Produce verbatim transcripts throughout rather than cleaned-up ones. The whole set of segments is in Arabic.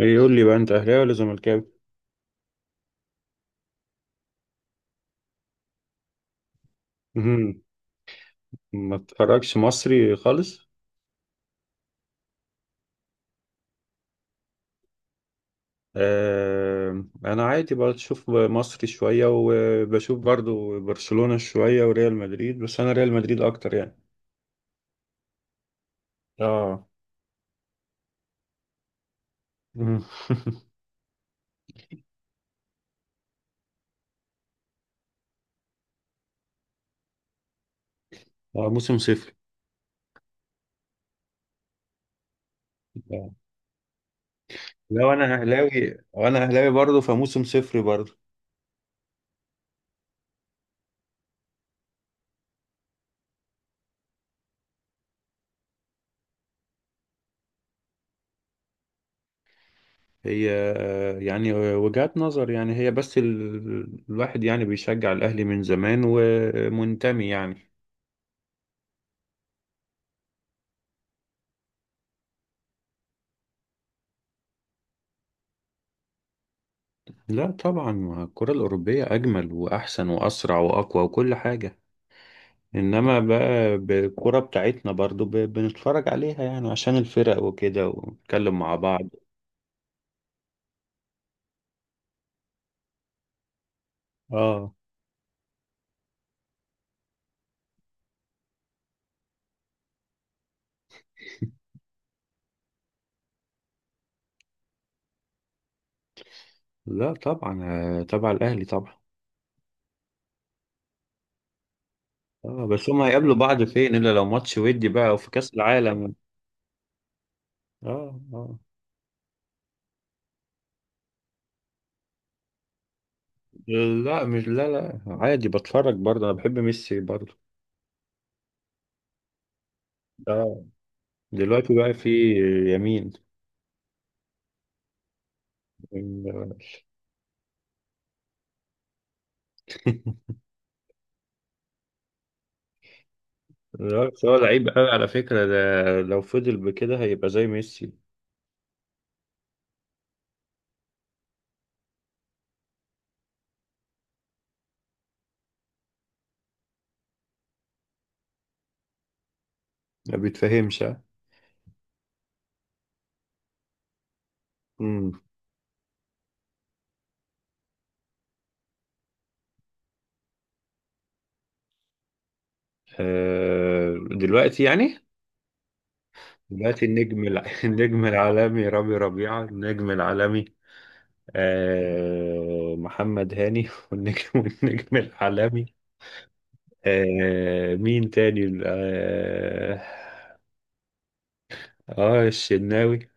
ايه، يقول لي بقى انت اهلاوي ولا زملكاوي؟ مهم. ما تتفرجش مصري خالص. آه انا عادي بشوف مصري شويه وبشوف برضو برشلونه شويه وريال مدريد، بس انا ريال مدريد اكتر يعني. اه. مم. آه، موسم صفر. آه. لو انا اهلاوي، وانا اهلاوي برضو، فموسم صفر برضو. هي آه، يعني وجهات نظر يعني هي، بس ال... الواحد يعني بيشجع الاهلي من زمان ومنتمي يعني. لا طبعا، ما الكرة الأوروبية أجمل وأحسن وأسرع وأقوى وكل حاجة، إنما بقى بالكرة بتاعتنا برضو ب- بنتفرج عليها يعني عشان الفرق وكده ونتكلم مع بعض. آه. لا طبعا. آه، تبع الأهلي طبعا. آه، بس هما هيقابلوا بعض فين إلا لو ماتش ودي بقى وفي كأس العالم. آه آه. لا مش لا لا، عادي بتفرج برضه، أنا بحب ميسي برضه. آه دلوقتي بقى في يمين. لا، بس هو لعيب قوي على فكرة ده، لو فضل بكده هيبقى زي ميسي. ما بيتفهمش ها؟ امم. آه دلوقتي يعني. دلوقتي النجم الع... النجم العالمي رامي ربيعة النجم العالمي، آه محمد هاني والنجم والنجم العالمي، آه مين تاني؟ اه, آه الشناوي.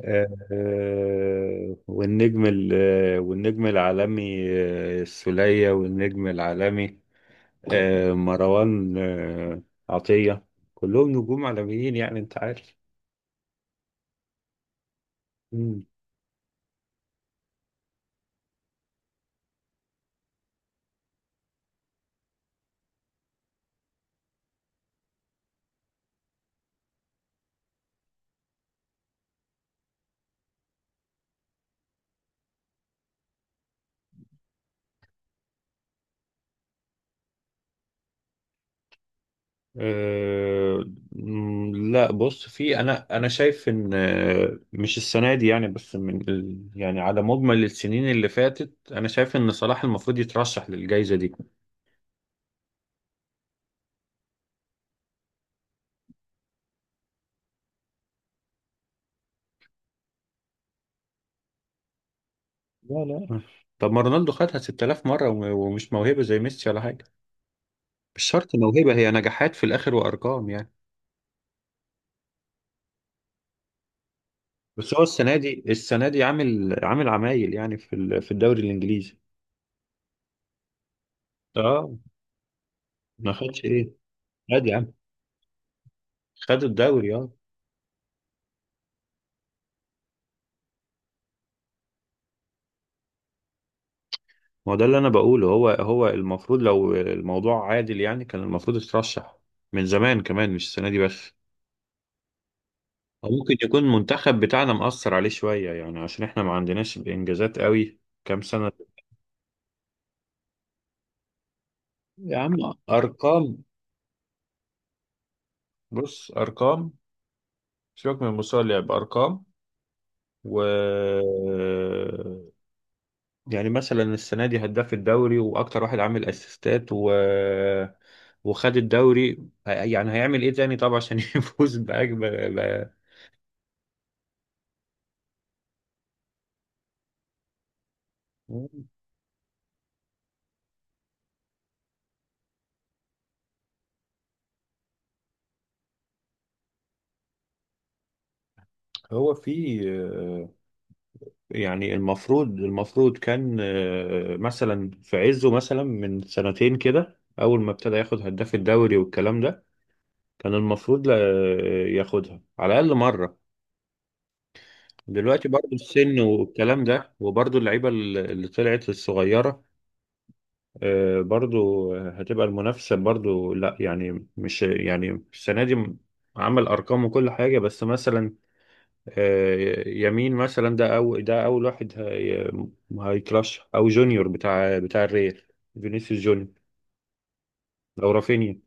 آه. آه، والنجم ال... والنجم العالمي آه، السولية والنجم العالمي آه، مروان آه، عطية. كلهم نجوم عالميين يعني انت عارف. مم. آه، مم، لا بص في، انا انا شايف ان آه، مش السنه دي يعني، بس من ال... يعني على مجمل السنين اللي فاتت انا شايف ان صلاح المفروض يترشح للجائزه دي. لا لا. طب ما رونالدو خدها ست تلاف مره وم- ومش موهبه زي ميسي ولا حاجه. مش شرط موهبه، هي نجاحات في الاخر وارقام يعني. بس هو السنه دي، السنه دي عامل عامل عمايل يعني في ال- في الدوري الانجليزي. اه. ما خدش ايه؟ خد يا عم، خد الدوري اه. ما هو ده اللي انا بقوله، هو هو المفروض، لو الموضوع عادل يعني كان المفروض يترشح من زمان كمان، مش السنه دي بس. أو ممكن يكون المنتخب بتاعنا مأثر عليه شويه، يعني عشان احنا ما عندناش انجازات قوي كام سنه. يا عم ارقام، بص ارقام، سيبك من مستوى اللعب، ارقام. و... يعني مثلا السنة دي هداف الدوري وأكتر واحد عامل أسيستات و... وخد الدوري، ه- يعني هيعمل إيه تاني طبعا عشان يفوز بأكبر. ب... هو في آه، يعني المفروض المفروض كان آه، مثلا في عزه مثلا من سنتين كده أول ما ابتدى ياخد هداف الدوري والكلام ده، كان المفروض لا- ياخدها على الأقل مرة. دلوقتي برضو السن والكلام ده، وبرضو اللعيبة اللي اللي طلعت الصغيرة آه، برضو هتبقى المنافسة برضو لا، يعني مش يعني السنة دي عمل أرقام وكل حاجة، بس مثلا آه، يمين مثلا ده، أو ده أول واحد هي- هيترشح، أو جونيور بتاع بتاع الريال، فينيسيوس جونيور، أو رافينيا.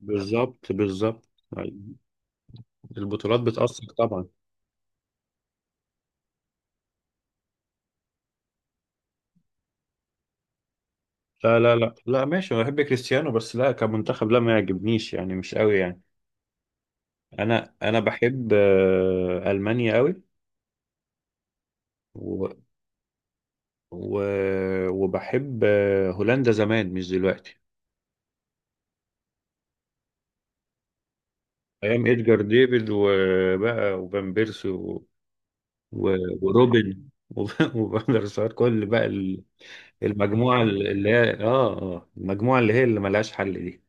بالظبط بالظبط. أيوة. البطولات بتأثر طبعا. لا لا لا لا ماشي، أنا بحب كريستيانو بس لا كمنتخب، لا ما يعجبنيش يعني مش قوي يعني. أنا أنا بحب آه، ألمانيا قوي و... وبحب هولندا زمان مش دلوقتي. ايام ادجار ديفيد وبقى وفان بيرسي و... و... وروبن وفان der سار، كل بقى ال- المجموعه اللي هي اه اه المجموعه اللي هي اللي ملهاش حل دي.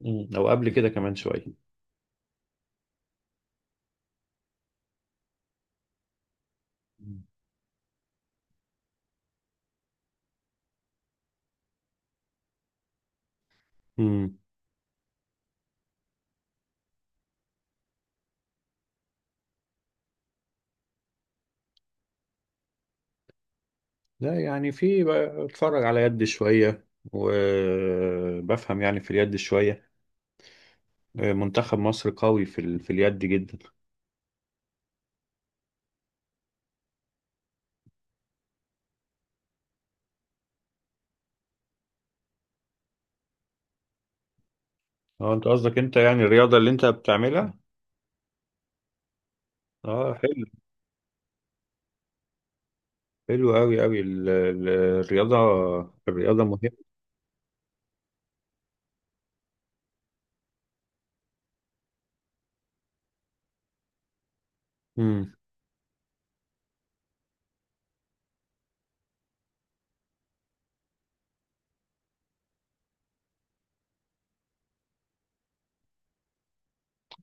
مم. او قبل كده كمان شويه. امم. لا يعني في بقى اتفرج على يد شويه، وبفهم يعني في اليد شويه. آه، منتخب مصر قوي في ال... في اليد جدا. اه انت قصدك انت يعني الرياضه اللي انت بتعملها. اه حلو. حلو قوي قوي الرياضه، الرياضه مهمه. امم.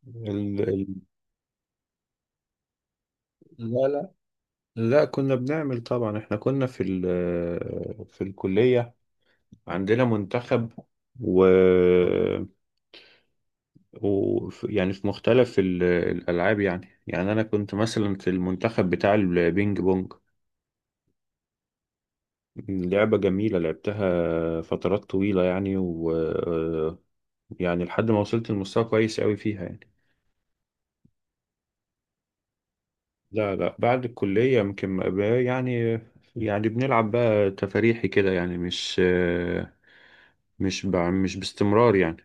ال... ال... لا لا. لا كنا بنعمل طبعا، احنا كنا في ال... في الكليه، عندنا منتخب و, و... يعني في مختلف ال- الالعاب يعني. يعني انا كنت مثلا في المنتخب بتاع البينج بونج، لعبة جميلة لعبتها فترات طويلة يعني، و... يعني لحد ما وصلت لمستوى كويس قوي فيها يعني. لا لا، بعد الكلية يمكن ما بقى- يعني يعني بنلعب بقى تفاريحي كده يعني، مش مش بع- مش باستمرار يعني.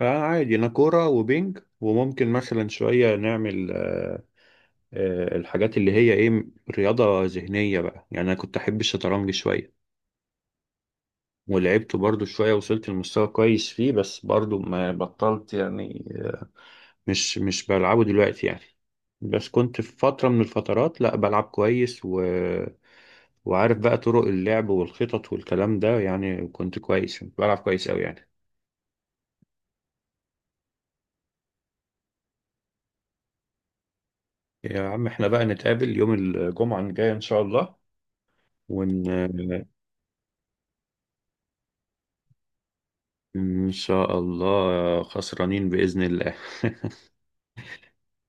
فعادي انا كورة وبينج، وممكن مثلا شوية نعمل آه، آه، الحاجات اللي هي ايه، رياضة ذهنية بقى يعني. انا كنت احب الشطرنج شوية ولعبته برضو شوية، وصلت لمستوى كويس فيه، بس برضو ما بطلت يعني، مش مش بلعبه دلوقتي يعني. بس كنت في فترة من الفترات لا بلعب كويس و... وعارف بقى طرق اللعب والخطط والكلام ده، يعني كنت كويس، كنت بلعب كويس قوي يعني. يا عم احنا بقى نتقابل يوم الجمعة الجاية ان شاء الله ون... ان شاء الله خسرانين بإذن الله.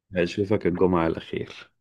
اشوفك الجمعة على خير.